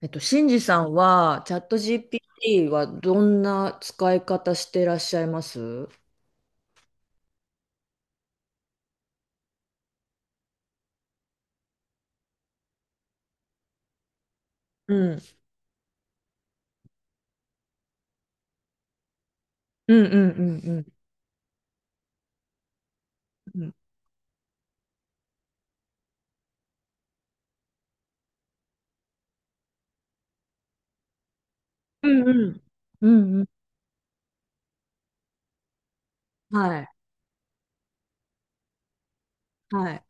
シンジさんは、チャット GPT はどんな使い方してらっしゃいます？うん。うん。うん。うん。うん。うん。うん。うん。うん。はい。はい。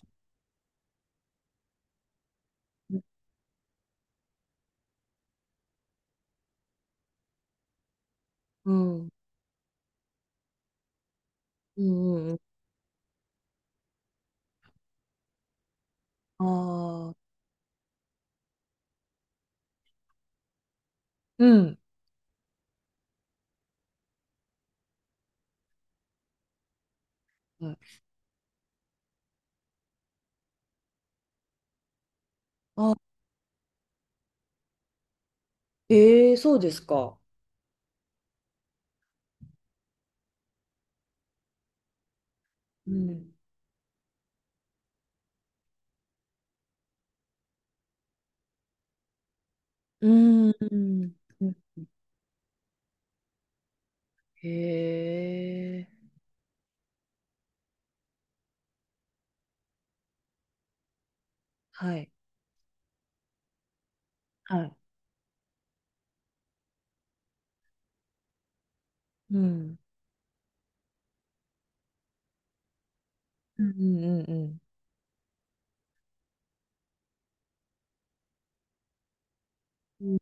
うん。うん。うん。ああ。うん。はい。あ。ええ、そうですか？うん。うん。うん。へえ。はい。はい。うん。うん。うん。うん。うん。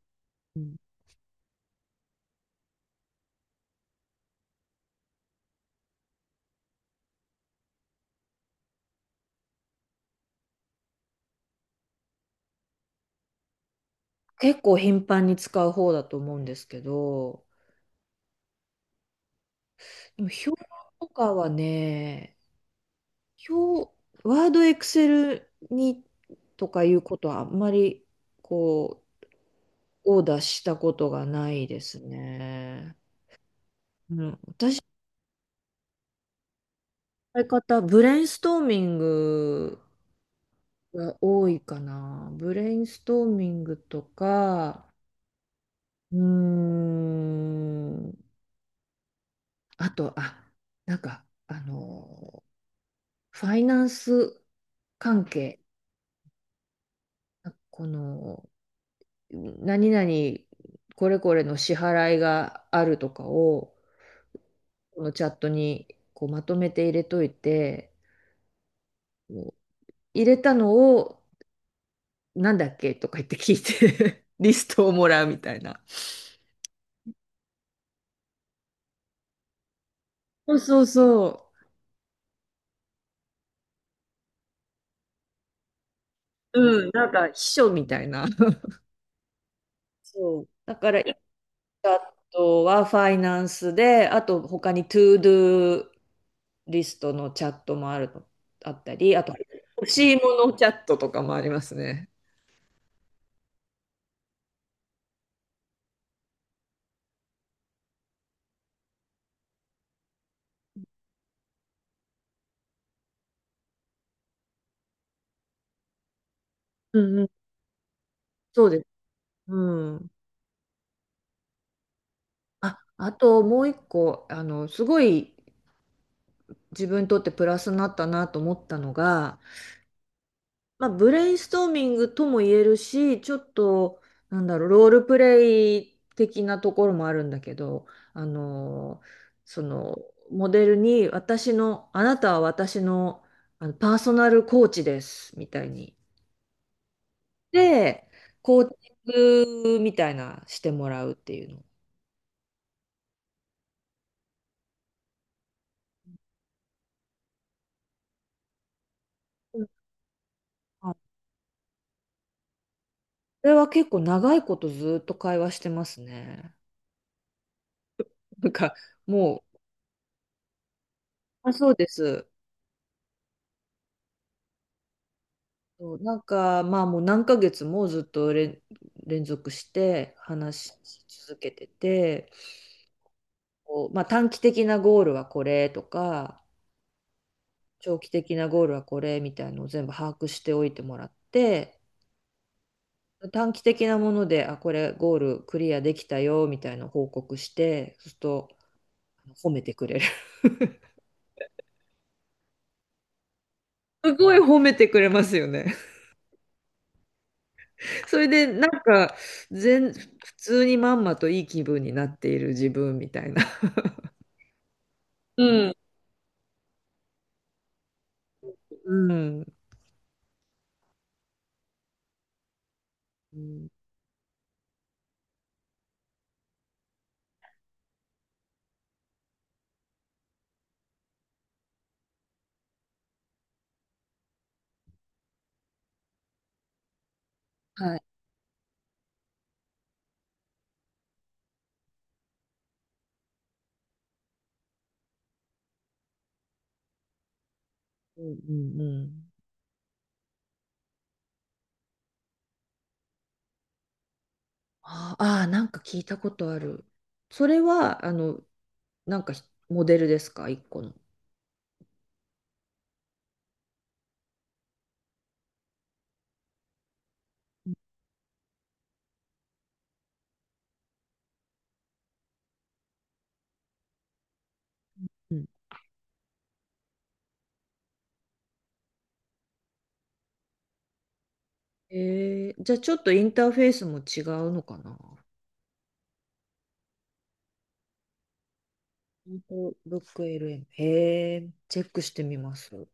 うん。結構頻繁に使う方だと思うんですけど、でも表とかはね、表、ワード、エクセルにとかいうことはあんまりこう、オーダーしたことがないですね。うん、私のやり方、ブレインストーミングが多いかな。ブレインストーミングとか、うーん、あと、あ、なんか、あの、ファイナンス関係、この、何々これこれの支払いがあるとかをこのチャットにこうまとめて入れといて入れたのをなんだっけとか言って聞いて リストをもらうみたいな。そうそうそう。うん、なんか秘書みたいな。そう。だから1個はファイナンスで、あと他に To Do リストのチャットもあるの、あったり、あと欲しいものチャットとかもありますね。うんうん。そうです。うん。あ、あともう一個、すごい自分にとってプラスになったなと思ったのが、まあ、ブレインストーミングとも言えるし、ちょっと、なんだろう、ロールプレイ的なところもあるんだけど、あの、その、モデルに、あなたは私の、パーソナルコーチです、みたいに。で、コーチングみたいなしてもらうっていうの。うん。それは結構長いことずっと会話してますね。なんかもう、あ、そうです。そうまあもう何ヶ月もずっと連続して話し続けてて、こうまあ、短期的なゴールはこれとか、長期的なゴールはこれみたいのを全部把握しておいてもらって、短期的なもので、あ、これゴールクリアできたよみたいな報告して、そうすると褒めてくれる。すごい褒めてくれますよね。それでなんか普通にまんまといい気分になっている自分みたいな。うん。うん。うん。はい。うんうんうん。あーあ、なんか聞いたことある。それは、なんかモデルですか、一個の。うん。じゃあちょっとインターフェースも違うのかな。インフォブック LM。へえ、チェックしてみます。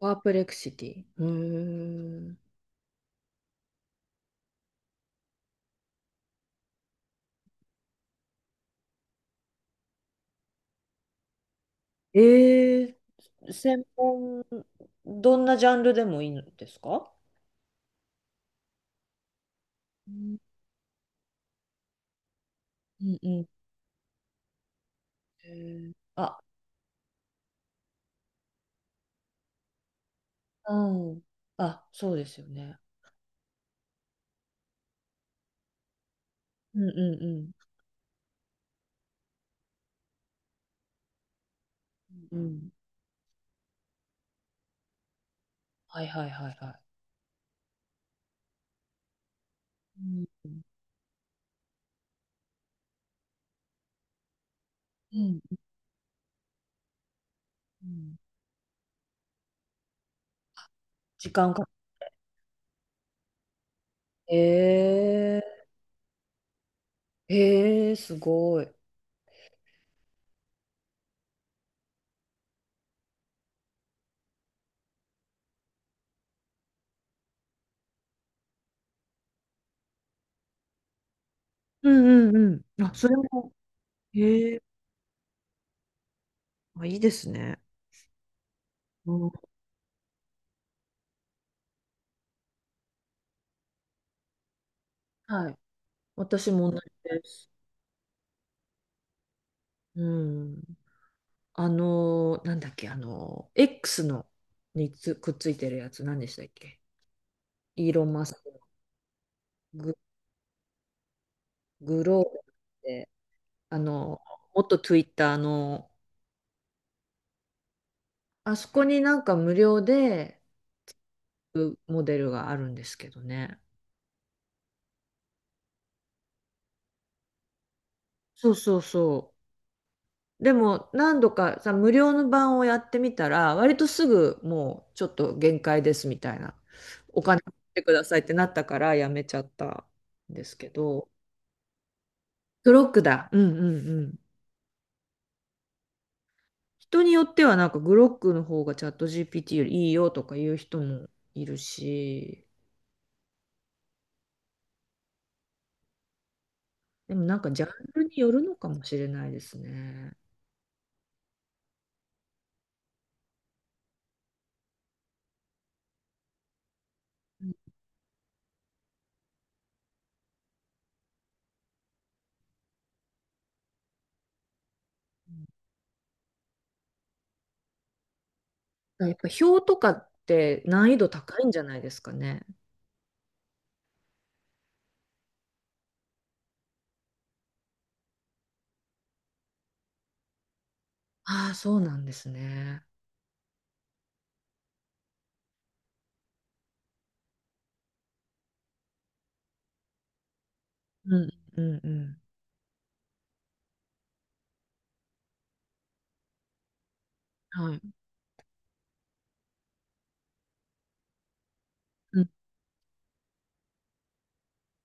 パープレクシティ。うーん。えー専門、どんなジャンルでもいいんですか？うんうんうん。へーあ、うん。あ、そうですよね。うんうんうん。うん。はいはいはいはい。うん。うんうん。時間かけえー、えー、すごい。うんうんうん。あ、それも、へえ、あ、いいですね。うん、はい。私も同じです。うん。なんだっけ、X のにつくっついてるやつ、何でしたっけ？イーロン・マスクのグ、グローバルって、元 Twitter の、あそこになんか無料でモデルがあるんですけどね。そうそうそう。でも何度かさ、無料の版をやってみたら、割とすぐもうちょっと限界ですみたいな、お金払ってくださいってなったからやめちゃったんですけど、クロックだ。うんうんうん。人によってはなんかグロックの方がチャット GPT よりいいよとか言う人もいるし、でもなんかジャンルによるのかもしれないですね。やっぱ表とかって難易度高いんじゃないですかね。ああ、そうなんですね。うんうんうん。はい。うん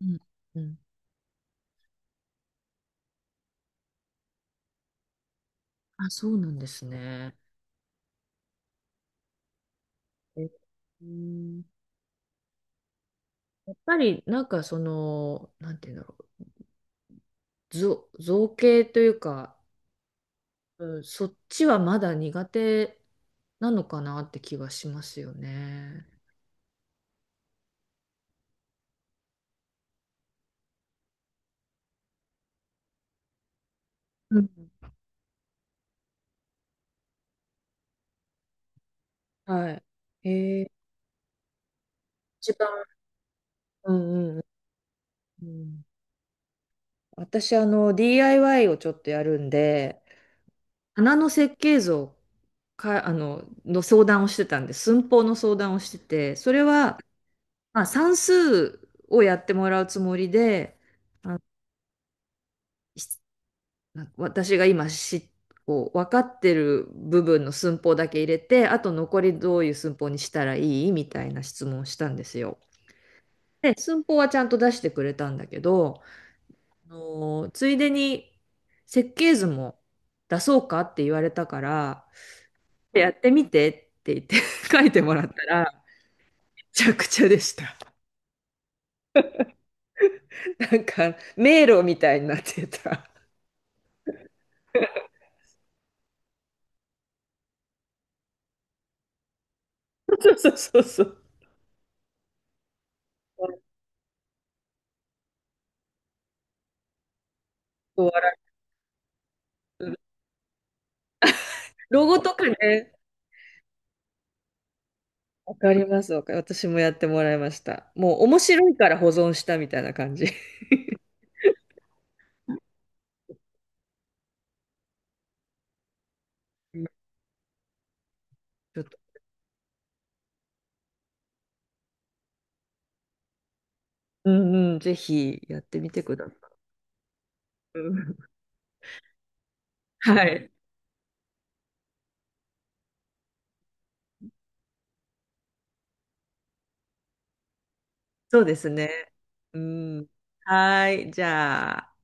うんうん。あ、そうなんですね。え、うん、やっぱりなんかなんて言うんだろう、造形というか、うん、そっちはまだ苦手なのかなって気がしますよね。うん、はい。えー、一番、うんうんうん。私、DIY をちょっとやるんで、花の設計図をか、あの、の相談をしてたんで、寸法の相談をしてて、それは、まあ、算数をやってもらうつもりで、あのなんか私が今こう分かってる部分の寸法だけ入れてあと残りどういう寸法にしたらいいみたいな質問をしたんですよ。で寸法はちゃんと出してくれたんだけど、ついでに設計図も出そうかって言われたからやってみてって言って 書いてもらったらめちゃくちゃでした。なんか迷路みたいになってた。そうそうそうそう。ロゴとかね、わかります。私もやってもらいました。もう面白いから保存したみたいな感じ。うん。ちょっと、うんうん、ぜひやってみてください。うん。はい。そうですね。うん。はい。じゃあ。